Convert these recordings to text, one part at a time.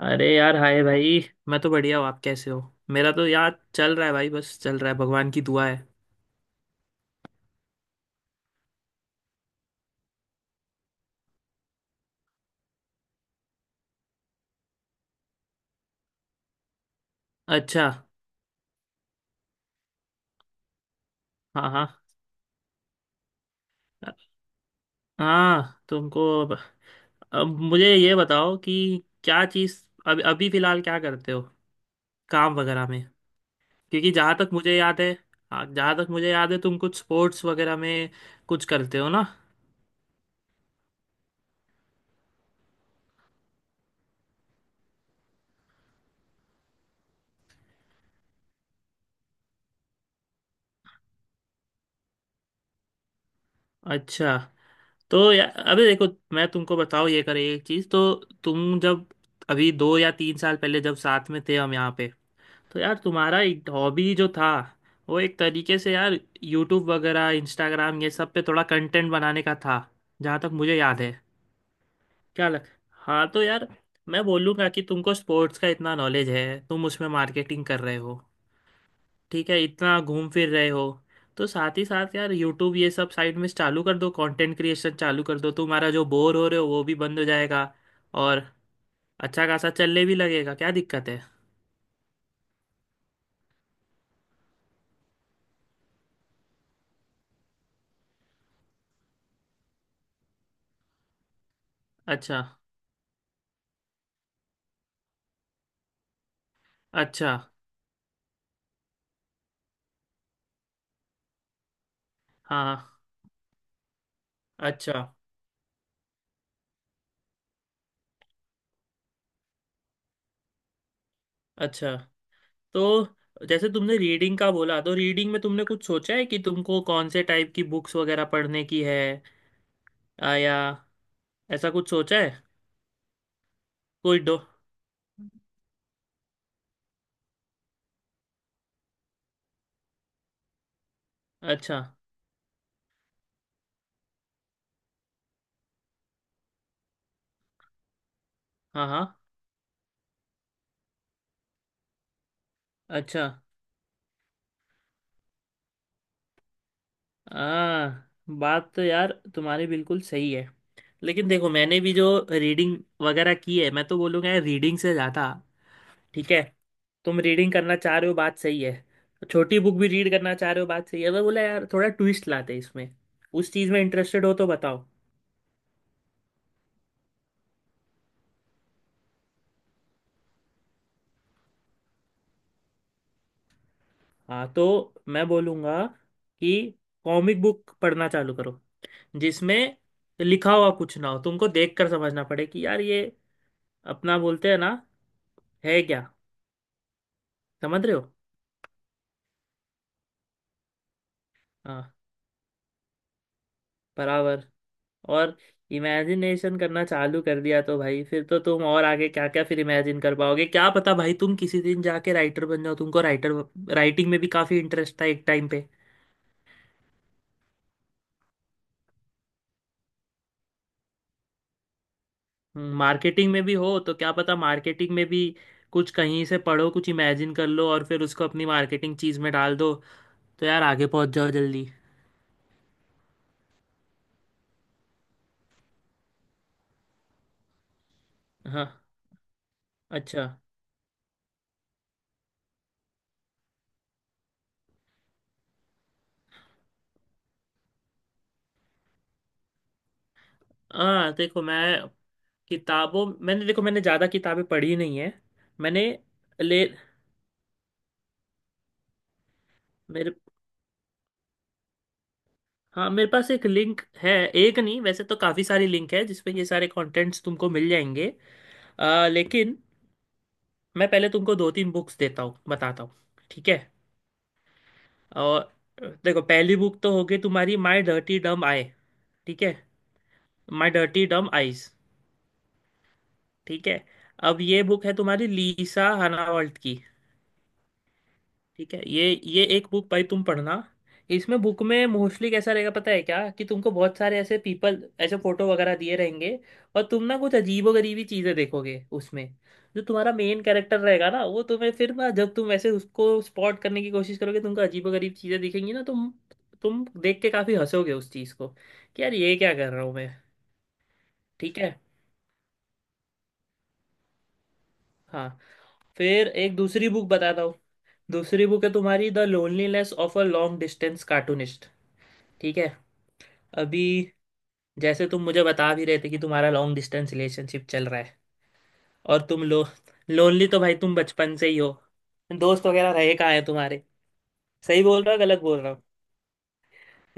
अरे यार, हाय भाई। मैं तो बढ़िया हूँ, आप कैसे हो? मेरा तो यार चल रहा है भाई, बस चल रहा है, भगवान की दुआ है। अच्छा। हाँ हाँ हाँ। अब मुझे ये बताओ कि क्या चीज़ अब अभी फ़िलहाल क्या करते हो काम वगैरह में? क्योंकि जहाँ तक मुझे याद है हाँ, जहाँ तक मुझे याद है तुम कुछ स्पोर्ट्स वगैरह में कुछ करते हो ना। अच्छा। तो या अबे देखो, मैं तुमको बताऊँ ये करे एक चीज़ तो। तुम जब अभी दो या तीन साल पहले जब साथ में थे हम यहाँ पे, तो यार तुम्हारा एक हॉबी जो था, वो एक तरीके से यार यूट्यूब वगैरह इंस्टाग्राम ये सब पे थोड़ा कंटेंट बनाने का था, जहाँ तक मुझे याद है। क्या लग हाँ तो यार, मैं बोलूँगा कि तुमको स्पोर्ट्स का इतना नॉलेज है, तुम उसमें मार्केटिंग कर रहे हो, ठीक है, इतना घूम फिर रहे हो, तो साथ ही साथ यार यूट्यूब ये सब साइड में चालू कर दो, कंटेंट क्रिएशन चालू कर दो, तुम्हारा जो बोर हो रहे हो वो भी बंद हो जाएगा और अच्छा खासा चलने भी लगेगा, क्या दिक्कत है? अच्छा। अच्छा। हाँ। अच्छा। अच्छा। तो जैसे तुमने रीडिंग का बोला, तो रीडिंग में तुमने कुछ सोचा है कि तुमको कौन से टाइप की बुक्स वगैरह पढ़ने की है, या ऐसा कुछ सोचा है? कोई डो अच्छा। हाँ हाँ। अच्छा। आ, बात तो यार तुम्हारी बिल्कुल सही है। लेकिन देखो, मैंने भी जो रीडिंग वगैरह की है, मैं तो बोलूँगा यार रीडिंग से ज़्यादा। ठीक है, तुम रीडिंग करना चाह रहे हो, बात सही है, छोटी बुक भी रीड करना चाह रहे हो, बात सही है, मैं बोला यार थोड़ा ट्विस्ट लाते इसमें, उस चीज़ में इंटरेस्टेड हो तो बताओ। हाँ तो मैं बोलूँगा कि कॉमिक बुक पढ़ना चालू करो, जिसमें लिखा हुआ कुछ ना हो, तुमको देख कर समझना पड़े कि यार ये, अपना बोलते हैं ना, है क्या? समझ रहे हो? हाँ। बराबर। और इमेजिनेशन करना चालू कर दिया तो भाई फिर तो तुम और आगे क्या क्या फिर इमेजिन कर पाओगे, क्या पता भाई तुम किसी दिन जाके राइटर बन जाओ, तुमको राइटर राइटिंग में भी काफ़ी इंटरेस्ट था एक टाइम पे। मार्केटिंग में भी हो तो क्या पता मार्केटिंग में भी कुछ कहीं से पढ़ो, कुछ इमेजिन कर लो और फिर उसको अपनी मार्केटिंग चीज़ में डाल दो, तो यार आगे पहुंच जाओ जल्दी। हाँ। अच्छा। हाँ, देखो, मैं किताबों मैंने देखो मैंने ज़्यादा किताबें पढ़ी नहीं है। मैंने ले मेरे हाँ, मेरे पास एक लिंक है। एक नहीं, वैसे तो काफ़ी सारी लिंक है जिसपे ये सारे कंटेंट्स तुमको मिल जाएंगे। लेकिन मैं पहले तुमको दो तीन बुक्स देता हूँ, बताता हूँ। ठीक है। और देखो, पहली बुक तो होगी तुम्हारी माई डर्टी डम आई। ठीक है, माई डर्टी डम आईज। ठीक है। अब ये बुक है तुम्हारी लीसा हनावल्ट की। ठीक है। ये एक बुक भाई तुम पढ़ना। इसमें, बुक में मोस्टली कैसा रहेगा पता है क्या? कि तुमको बहुत सारे ऐसे पीपल, ऐसे फोटो वगैरह दिए रहेंगे, और तुम ना कुछ अजीबो गरीबी चीजें देखोगे उसमें। जो तुम्हारा मेन कैरेक्टर रहेगा ना, वो तुम्हें फिर ना, जब तुम ऐसे उसको स्पॉट करने की कोशिश करोगे, तुमको अजीबो गरीब चीजें दिखेंगी ना, तुम देख के काफी हंसोगे उस चीज को कि यार ये क्या कर रहा हूँ मैं। ठीक है। हाँ, फिर एक दूसरी बुक बताता हूँ। दूसरी बुक है तुम्हारी the loneliness of a long distance cartoonist. ठीक है। अभी जैसे तुम मुझे बता भी रहे थे कि तुम्हारा लॉन्ग डिस्टेंस रिलेशनशिप चल रहा है, और तुम लो लोनली तो भाई तुम बचपन से ही हो, दोस्त वगैरह रहे कहाँ हैं तुम्हारे। सही बोल रहा हूँ, गलत बोल रहा हूँ?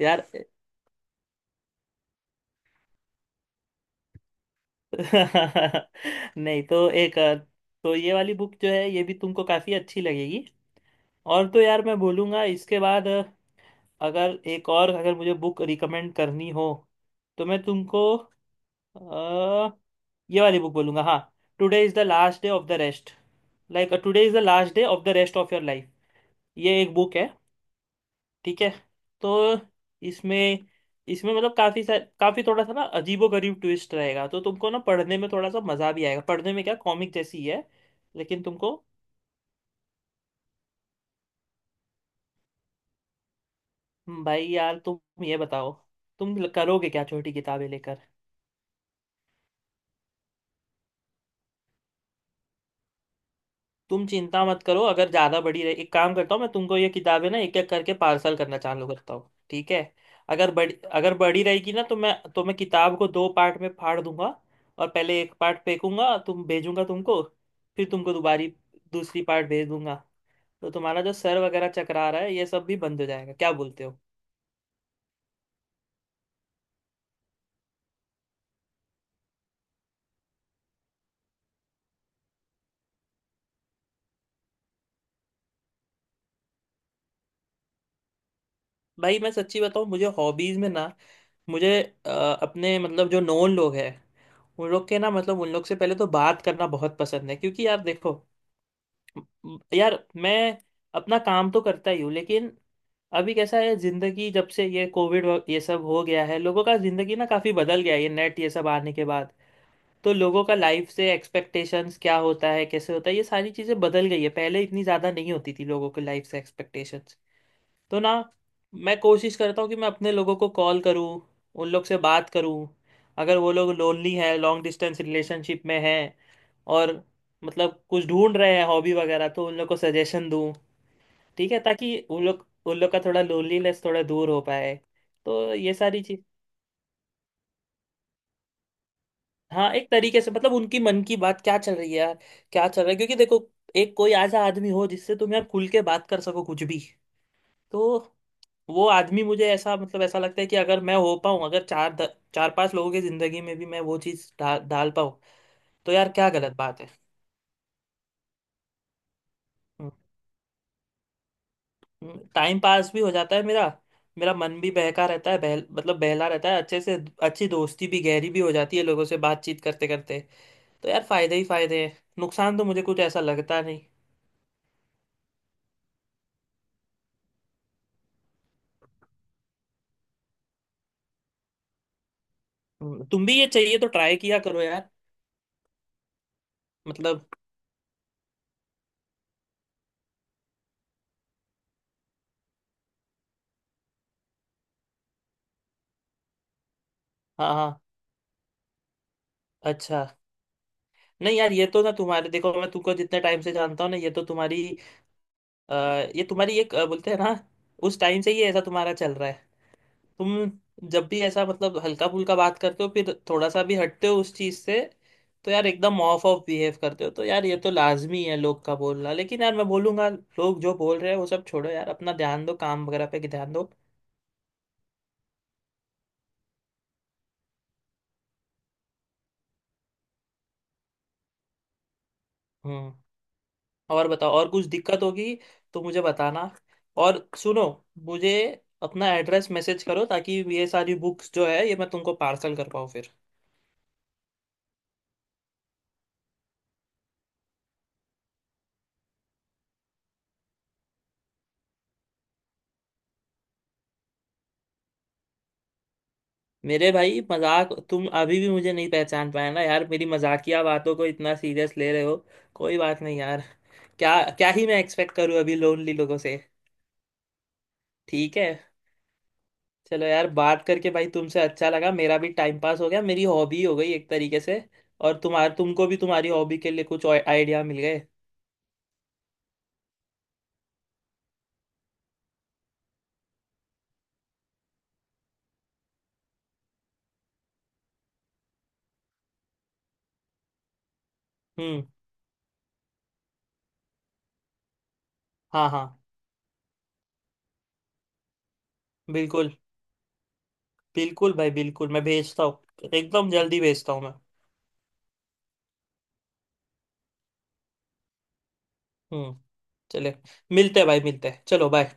यार नहीं तो। तो ये वाली बुक जो है ये भी तुमको काफ़ी अच्छी लगेगी। और तो यार मैं बोलूँगा इसके बाद, अगर एक और, अगर मुझे बुक रिकमेंड करनी हो, तो मैं तुमको अ, ये वाली बुक बोलूँगा। हाँ। Today is the last day of the rest, like today is the last day of the rest of your life. ये एक बुक है। ठीक है। तो इसमें इसमें, मतलब काफ़ी थोड़ा सा ना अजीबो गरीब ट्विस्ट रहेगा, तो तुमको ना पढ़ने में थोड़ा सा मज़ा भी आएगा। पढ़ने में क्या, कॉमिक जैसी ही है। लेकिन तुमको भाई यार, तुम ये बताओ, तुम करोगे क्या छोटी किताबें लेकर? तुम चिंता मत करो, अगर ज़्यादा बड़ी रही, एक काम करता हूँ, मैं तुमको ये किताबें ना एक एक करके पार्सल करना चालू करता हूँ। ठीक है। अगर बड़ी रहेगी ना, तो मैं किताब को दो पार्ट में फाड़ दूंगा, और पहले एक पार्ट फेंकूंगा, तुम भेजूंगा तुमको, फिर तुमको दोबारी दूसरी पार्ट भेज दूंगा, तो तुम्हारा जो सर वगैरह चकरा रहा है ये सब भी बंद हो जाएगा। क्या बोलते हो? भाई मैं सच्ची बताऊँ, मुझे हॉबीज़ में ना, मुझे अ, अपने मतलब जो नॉन लोग हैं, उन लोग के ना, मतलब उन लोग से पहले तो बात करना बहुत पसंद है, क्योंकि यार देखो, यार मैं अपना काम तो करता ही हूँ लेकिन अभी कैसा है जिंदगी, जब से ये कोविड ये सब हो गया है, लोगों का जिंदगी ना काफी बदल गया है, ये नेट ये सब आने के बाद। तो लोगों का लाइफ से एक्सपेक्टेशंस क्या होता है, कैसे होता है, ये सारी चीजें बदल गई है, पहले इतनी ज्यादा नहीं होती थी लोगों के लाइफ से एक्सपेक्टेशंस। तो ना मैं कोशिश करता हूँ कि मैं अपने लोगों को कॉल करूँ, उन लोग से बात करूँ, अगर वो लोग लोनली हैं, लॉन्ग डिस्टेंस रिलेशनशिप में हैं, और मतलब कुछ ढूंढ रहे हैं हॉबी वगैरह, तो उन लोग को सजेशन दूँ। ठीक है, ताकि उन लोग का थोड़ा लोनलीनेस थोड़ा दूर हो पाए। तो ये सारी चीज हाँ, एक तरीके से मतलब उनकी मन की बात क्या चल रही है यार, क्या चल रहा है, क्योंकि देखो, एक कोई ऐसा आदमी हो जिससे तुम यार खुल के बात कर सको कुछ भी, तो वो आदमी मुझे ऐसा, मतलब ऐसा लगता है कि अगर मैं हो पाऊँ, अगर चार पांच लोगों की जिंदगी में भी मैं वो चीज़ डाल पाऊँ, तो यार क्या गलत बात है? टाइम पास भी हो जाता है मेरा, मेरा मन भी बहका रहता है, बहल मतलब बहला रहता है अच्छे से। अच्छी दोस्ती भी गहरी भी हो जाती है लोगों से बातचीत करते करते। तो यार फायदे ही फायदे हैं, नुकसान तो मुझे कुछ ऐसा लगता नहीं। तुम भी ये चाहिए तो ट्राई किया करो यार। मतलब। हाँ हाँ। अच्छा। नहीं यार, ये तो ना तुम्हारे, देखो मैं तुमको जितने टाइम से जानता हूँ ना, अ, ये तुम्हारी एक बोलते हैं ना, उस टाइम से ही ऐसा तुम्हारा चल रहा है। तुम जब भी ऐसा, मतलब हल्का फुल्का बात करते हो, फिर थोड़ा सा भी हटते हो उस चीज से, तो यार एकदम ऑफ ऑफ बिहेव करते हो, तो यार ये तो लाजमी है लोग का बोलना, लेकिन यार मैं बोलूंगा लोग जो बोल रहे हैं वो सब छोड़ो यार, अपना ध्यान दो, काम वगैरह पे ध्यान दो। हम्म। और बताओ, और कुछ दिक्कत होगी तो मुझे बताना। और सुनो, मुझे अपना एड्रेस मैसेज करो, ताकि ये सारी बुक्स जो है ये मैं तुमको पार्सल कर पाऊँ फिर। मेरे भाई, मजाक, तुम अभी भी मुझे नहीं पहचान पाए ना यार, मेरी मजाकिया बातों को इतना सीरियस ले रहे हो। कोई बात नहीं यार, क्या क्या ही मैं एक्सपेक्ट करूँ अभी लोनली लोगों से। ठीक है। चलो यार, बात करके भाई तुमसे अच्छा लगा, मेरा भी टाइम पास हो गया, मेरी हॉबी हो गई एक तरीके से, और तुम्हार तुमको भी तुम्हारी हॉबी के लिए कुछ आइडिया मिल गए। हम्म। हाँ हाँ। बिल्कुल। बिल्कुल भाई, बिल्कुल मैं भेजता हूँ एकदम, जल्दी भेजता हूँ मैं। हम्म। चले, मिलते हैं भाई, मिलते हैं, चलो बाय।